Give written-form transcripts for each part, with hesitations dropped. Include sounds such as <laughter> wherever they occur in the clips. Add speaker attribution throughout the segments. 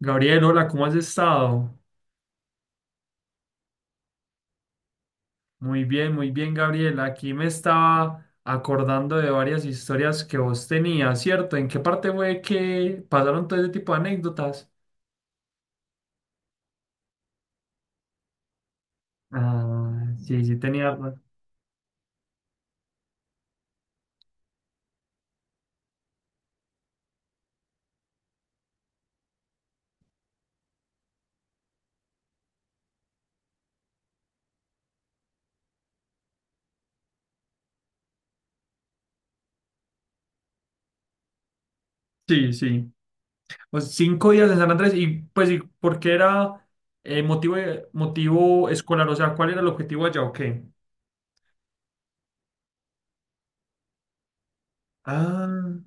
Speaker 1: Gabriel, hola, ¿cómo has estado? Muy bien, Gabriel. Aquí me estaba acordando de varias historias que vos tenías, ¿cierto? ¿En qué parte fue que pasaron todo ese tipo de anécdotas? Ah, sí, sí tenía. Sí, sí. Pues 5 días en San Andrés y pues, ¿y por qué era motivo, motivo escolar? O sea, ¿cuál era el objetivo allá o qué? Ah,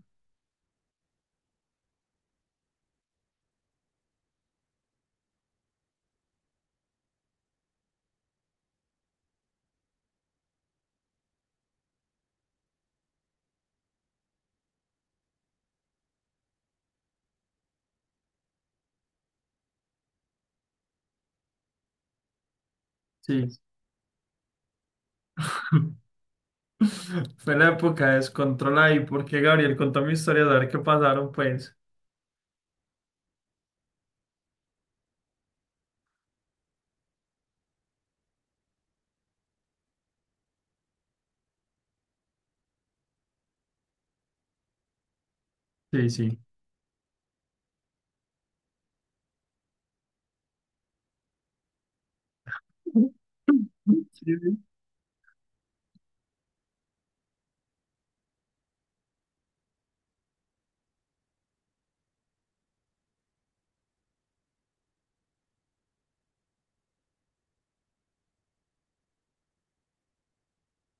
Speaker 1: sí. <laughs> Fue la época de descontrol ahí, porque Gabriel contó mi historia, a ver qué pasaron, pues. Sí, sí. Sí,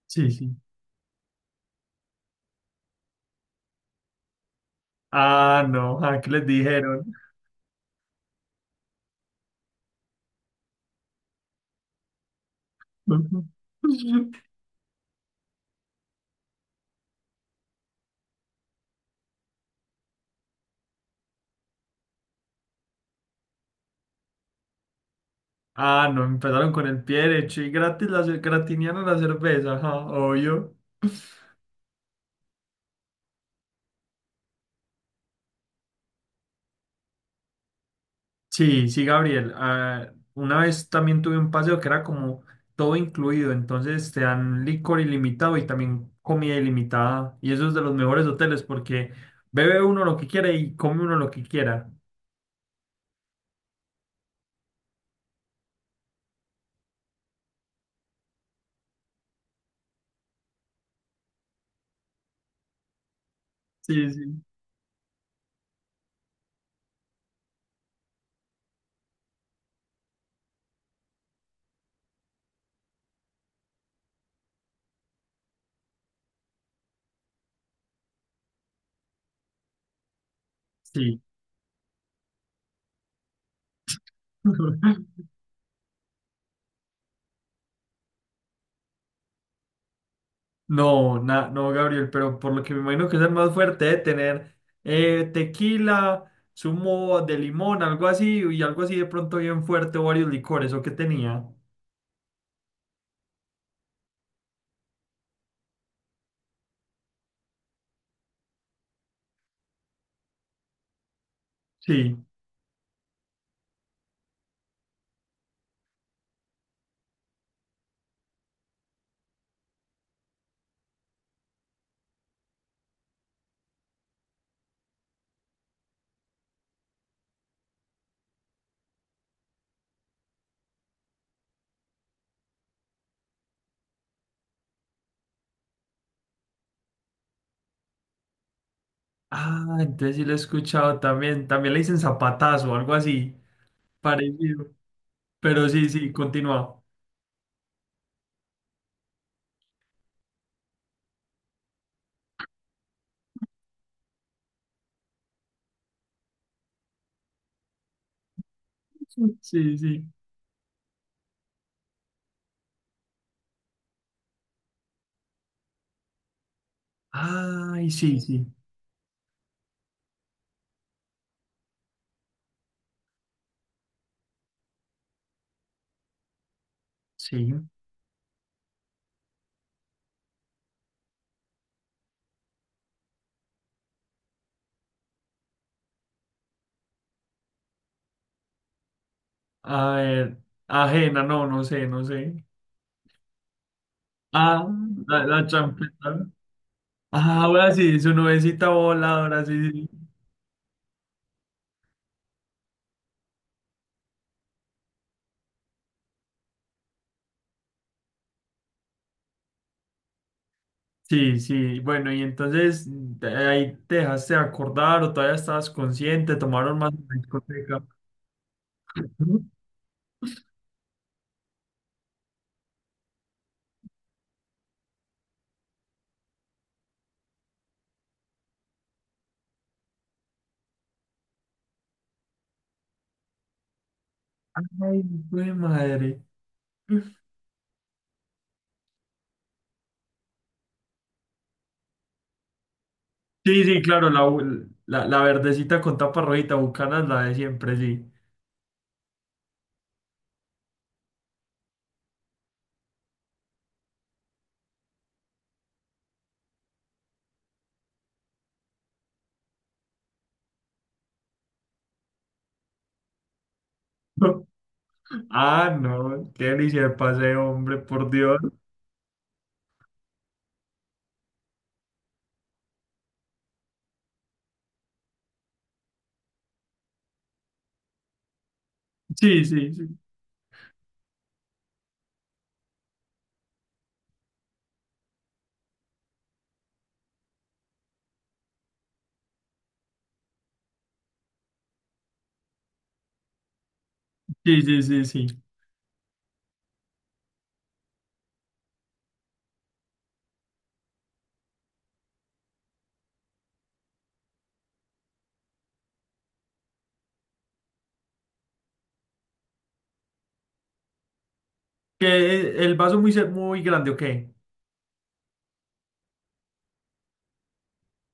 Speaker 1: sí. Sí. Ah, no, ah, ¿qué les dijeron? <laughs> Ah, no, empezaron con el pie derecho y gratis la gratiniana la cerveza, ajá, obvio. Sí, sí, Gabriel. Ah, una vez también tuve un paseo que era como todo incluido, entonces te dan licor ilimitado y también comida ilimitada. Y eso es de los mejores hoteles porque bebe uno lo que quiere y come uno lo que quiera. Sí, sí, sí. <laughs> No, no, Gabriel, pero por lo que me imagino que es el más fuerte de tener tequila, zumo de limón, algo así, y algo así de pronto bien fuerte, o varios licores, ¿o qué tenía? Sí. Ah, entonces sí lo he escuchado también. También le dicen zapatazo, algo así, parecido. Pero sí, sí, continúa. <laughs> Sí, sí. Ay, sí, sí. Sí. A ver, ajena, no, no sé, no sé. Ah, la champeta. Ah, ahora sí, su nubecita voladora, sí, sí, sí. Sí. Bueno, y entonces de ahí te dejaste de acordar o todavía estabas consciente, tomaron más en la discoteca. Ujú. Ay, güey, madre. Sí, sí, claro, la, la, la verdecita con tapa rojita, Bucanas, la de siempre, sí. <laughs> Ah, no, qué delicia de pase, hombre, por Dios. Sí, sí, sí, sí, sí, sí, sí. Que el vaso muy, muy grande, ¿o qué?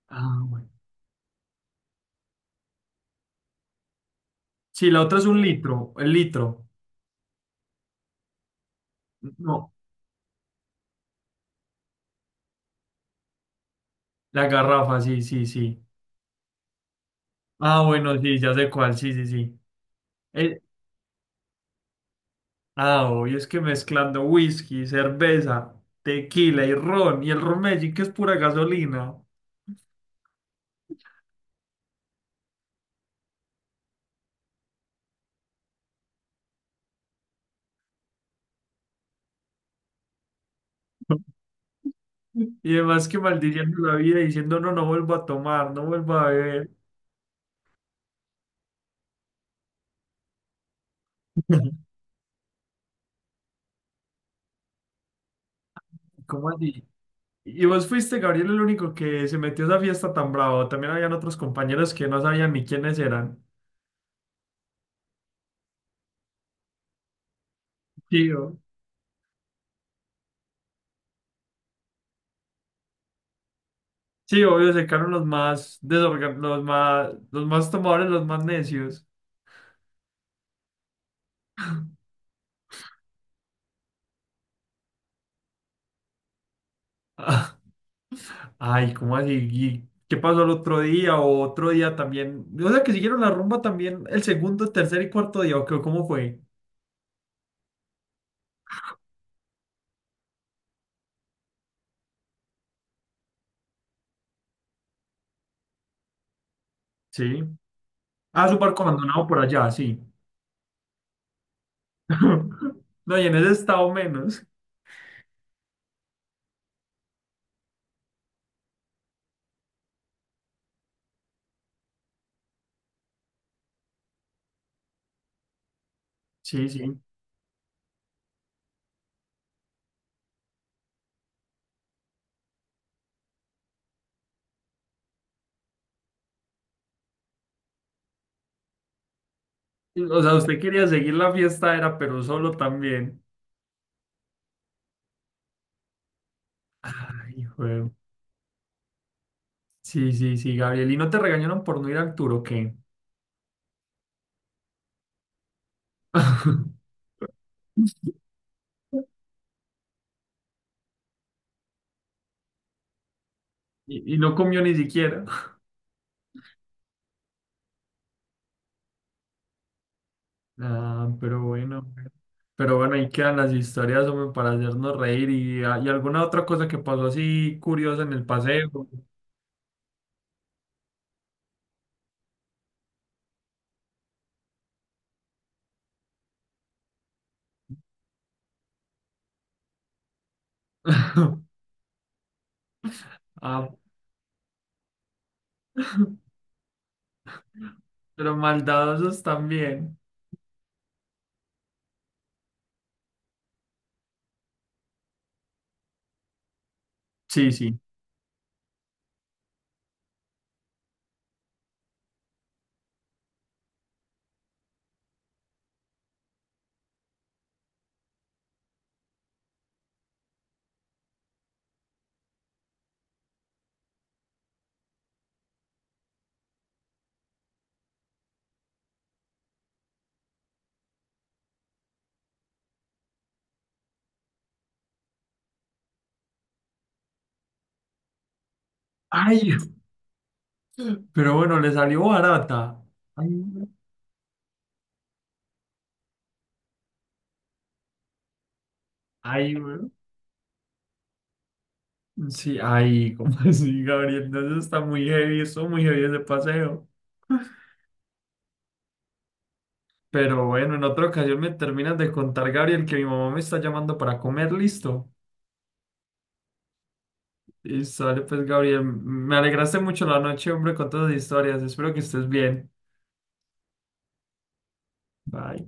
Speaker 1: Ah, bueno. Sí, la otra es un litro, el litro. No, la garrafa, sí, sí, sí. Ah, bueno, sí, ya sé cuál, sí, sí, sí. Eh, ah, obvio, es que mezclando whisky, cerveza, tequila y ron, y el ron Medellín, que es pura gasolina. <laughs> Y además que maldiciendo la vida diciendo, no, no vuelvo a tomar, no vuelvo a beber. <laughs> ¿Cómo así? Y vos fuiste, Gabriel, el único que se metió a esa fiesta tan bravo. También habían otros compañeros que no sabían ni quiénes eran. Tío. Sí, obvio, se secaron los más desorgan, los más tomadores, los más necios. <laughs> Ay, ¿cómo así? ¿Y qué pasó el otro día o otro día también? O sea, que siguieron la rumba también el segundo, tercer y cuarto día, ¿o qué? ¿Cómo fue? Sí. Ah, su barco abandonado por allá, sí. <laughs> No, y en ese estado menos. Sí, sí. O sea, usted quería seguir la fiesta, era, pero solo también. Ay, juego. Sí, sí, sí, Gabriel. ¿Y no te regañaron por no ir al tour o qué? <laughs> Y, y no comió ni siquiera. <laughs> Ah, pero bueno. Pero bueno, ahí quedan las historias, hombre, para hacernos reír. Y, ah, y alguna otra cosa que pasó así curiosa en el paseo. <laughs> Ah, pero maldadosos también. Sí, sí. Ay, <laughs> pero bueno, le salió barata. Ay, güey. Ay, güey. Sí, ay, <laughs> ¿cómo así, Gabriel? Entonces está muy heavy, estuvo muy heavy ese paseo. Pero bueno, en otra ocasión me terminas de contar, Gabriel, que mi mamá me está llamando para comer, listo. Y sale pues, Gabriel, me alegraste mucho la noche, hombre, con todas las historias. Espero que estés bien. Bye.